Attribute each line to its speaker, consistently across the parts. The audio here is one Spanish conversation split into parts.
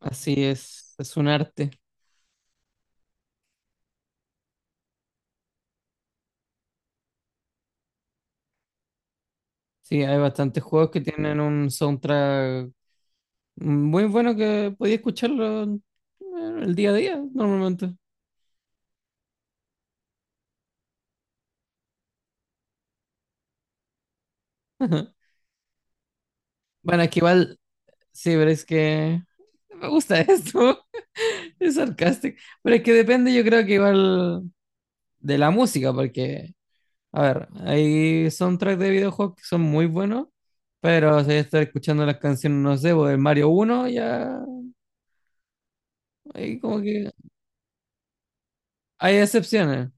Speaker 1: Así es un arte. Sí, hay bastantes juegos que tienen un soundtrack muy bueno que podía escucharlo el día a día normalmente. Bueno, aquí igual, sí, pero es que me gusta esto. Es sarcástico. Pero es que depende, yo creo que igual de la música, porque, a ver, hay soundtracks de videojuegos que son muy buenos, pero si estar escuchando las canciones, no sé, pues, del Mario uno ya, ahí como que hay excepciones,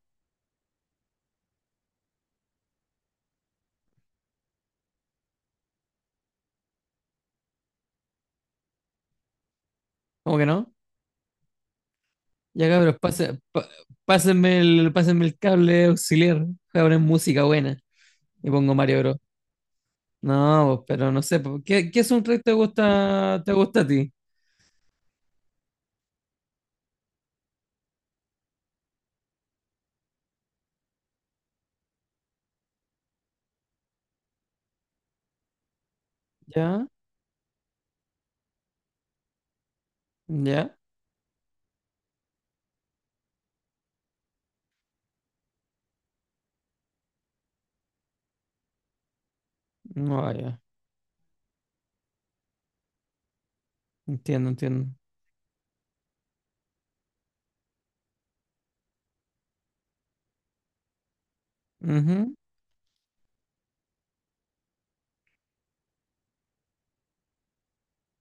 Speaker 1: como que no. Ya cabros, pásenme el cable auxiliar, voy a poner música buena y pongo Mario Bros. No, pues, pero no sé, pues, ¿qué soundtrack te gusta a ti? ¿Ya? ¿Ya? No, ah, ya. Entiendo, entiendo. Ujú,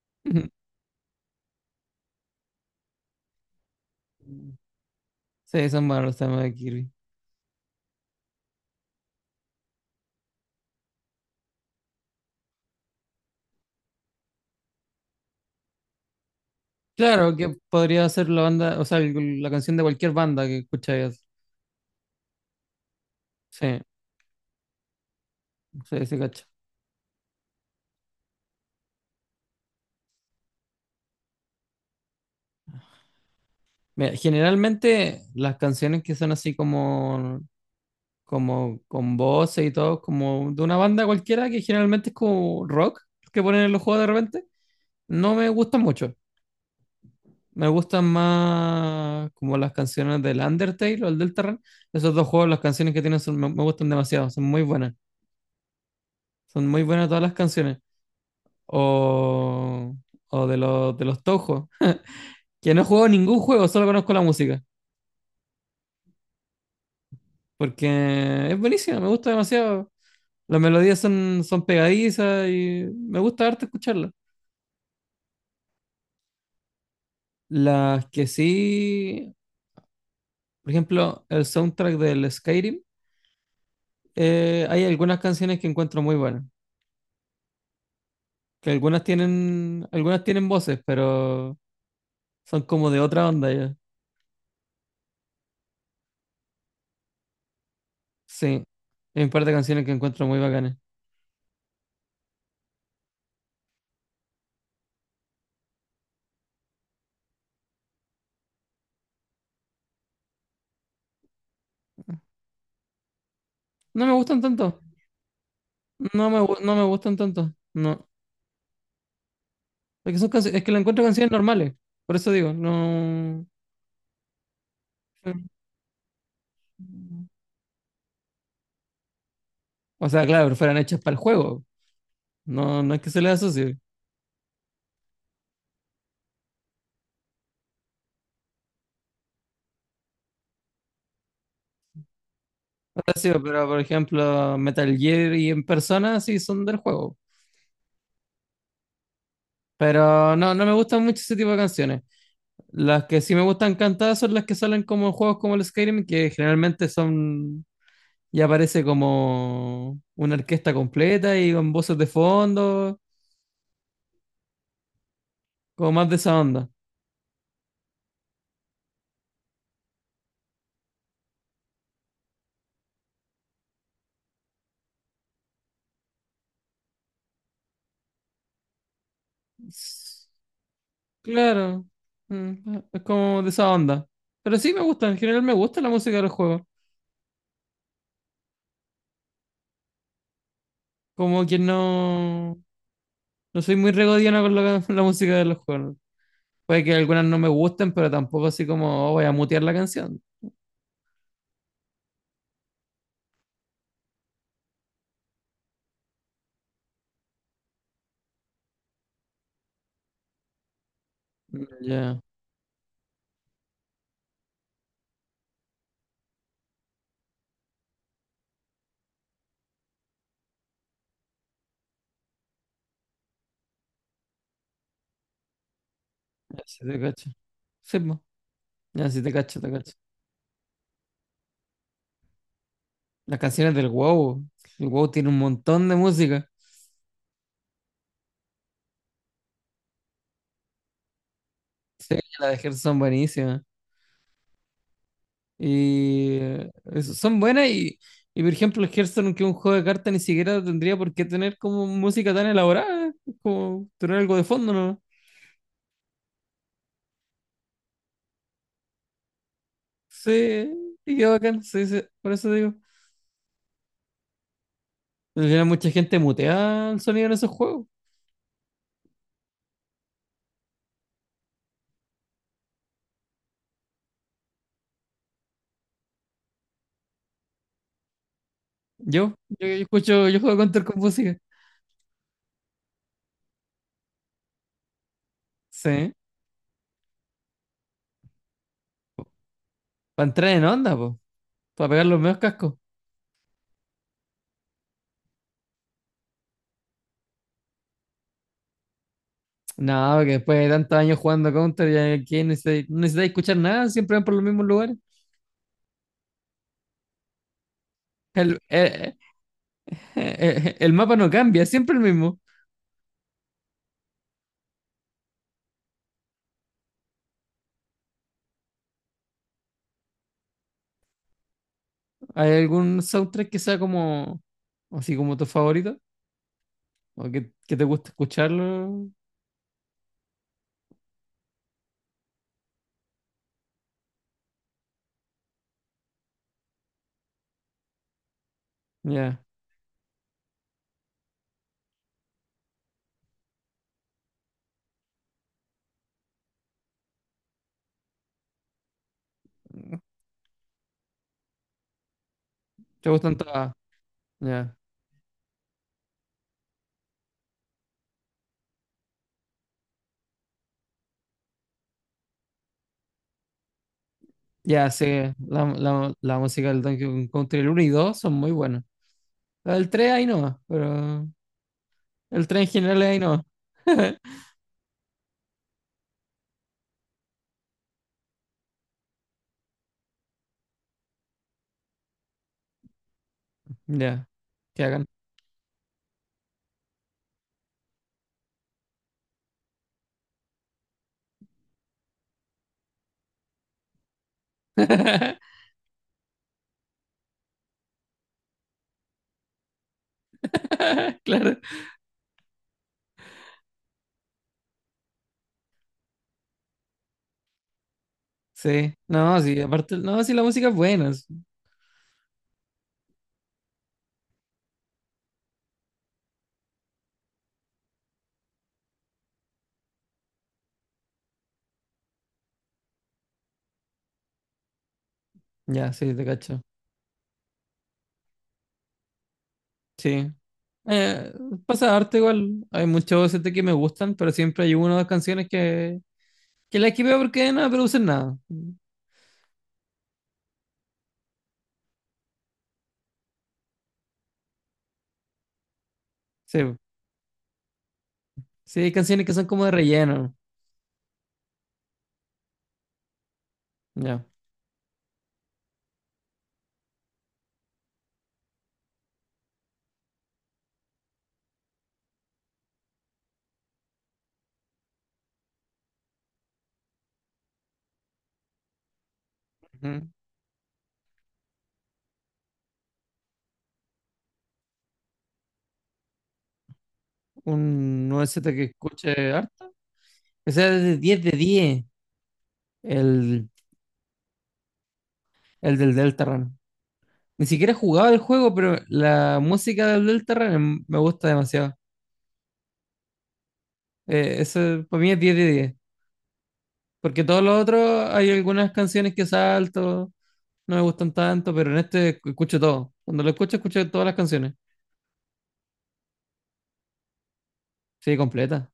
Speaker 1: ujú. Sí, son buenos los temas de Kirby. Claro, que podría ser la banda, o sea, la canción de cualquier banda que escucháis. Sí, sí, sí, cacho. Mira, generalmente las canciones que son así como con voces y todo, como de una banda cualquiera que generalmente es como rock que ponen en los juegos de repente, no me gustan mucho. Me gustan más como las canciones del Undertale o el Deltarune. Esos dos juegos, las canciones que tienen me gustan demasiado, son muy buenas. Son muy buenas todas las canciones. O, o de los Touhou, que no he jugado ningún juego, solo conozco la música, porque es buenísima, me gusta demasiado. Las melodías son pegadizas y me gusta harto escucharlas. Las que sí, por ejemplo, el soundtrack del Skyrim, hay algunas canciones que encuentro muy buenas, que algunas tienen voces, pero son como de otra onda ya. Sí, hay un par de canciones que encuentro muy bacanas. No me gustan tanto, no me gustan tanto, no. Es que la encuentro canciones normales, por eso digo, no. O sea, claro, pero fueran hechas para el juego, no, no es que se les asocie. Sí, pero por ejemplo, Metal Gear y en persona sí son del juego. Pero no, no me gustan mucho ese tipo de canciones. Las que sí me gustan cantadas son las que salen como en juegos como el Skyrim, que generalmente son. Ya parece como una orquesta completa y con voces de fondo, como más de esa onda. S- Claro, es como de esa onda. Pero sí me gusta, en general me gusta la música de los juegos. Como que no. No soy muy regodiano con la, la música de los juegos. Puede que algunas no me gusten, pero tampoco así como, oh, voy a mutear la canción. Mm, ya, así te cacho. Sí, po. Ya, sí te cacho, te cacho. Las canciones del WoW. El WoW tiene un montón de música. Sí, las de Hearthstone son buenísimas. Y eso, son buenas y, por ejemplo, el Hearthstone, que es un juego de cartas, ni siquiera tendría por qué tener como música tan elaborada. Es como tener algo de fondo, ¿no? Sí, y qué bacán, sí, sí, por eso digo. Al final mucha gente mutea el sonido en esos juegos. Yo yo juego Counter con música. Sí. Para entrar en onda, po. Para pegar los mejores cascos. No, porque después de tantos años jugando Counter, no necesitáis escuchar nada, siempre van por los mismos lugares. El, eh, el mapa no cambia, es siempre el mismo. ¿Hay algún soundtrack que sea así como tu favorito? ¿O que te gusta escucharlo? Ya. ¿Te gustan todas? Ya. Ya, sí, la música del Donkey Kong Country, el 1 y 2 son muy buenas. El 3 ahí no, pero el tren general ahí no. Ya, que hagan. Claro, sí. No, sí, aparte, no, sí, la música es buena. Ya, sí, te cacho. Sí. Eh, Pasa arte igual. Hay muchos OST que me gustan, pero siempre hay una o dos canciones que las esquipeo porque no me producen nada. Sí, sí, hay canciones que son como de relleno. Ya. Ujú. Un OST que escuche arte. Que sea de 10 de 10. El, el del Deltarune. Ni siquiera he jugado el juego, pero la música del Deltarune me gusta demasiado. Eso para mí es 10 de 10. Porque todos los otros hay algunas canciones que salto, no me gustan tanto, pero en este escucho todo. Cuando lo escucho, escucho todas las canciones. Sí, completa.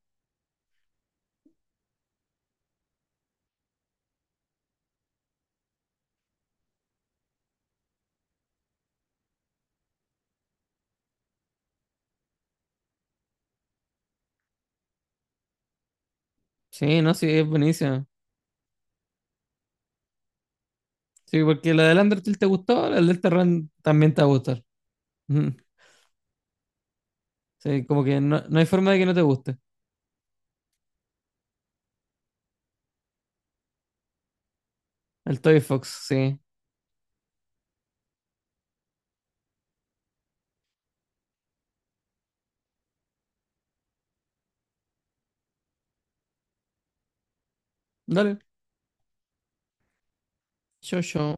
Speaker 1: Sí, no, sí, es buenísimo. Sí, porque la del Undertale te gustó, la del Deltarune también te va a gustar. Ujú. Sí, como que no, no hay forma de que no te guste. El Toy Fox, sí. Dale. Yo, yo.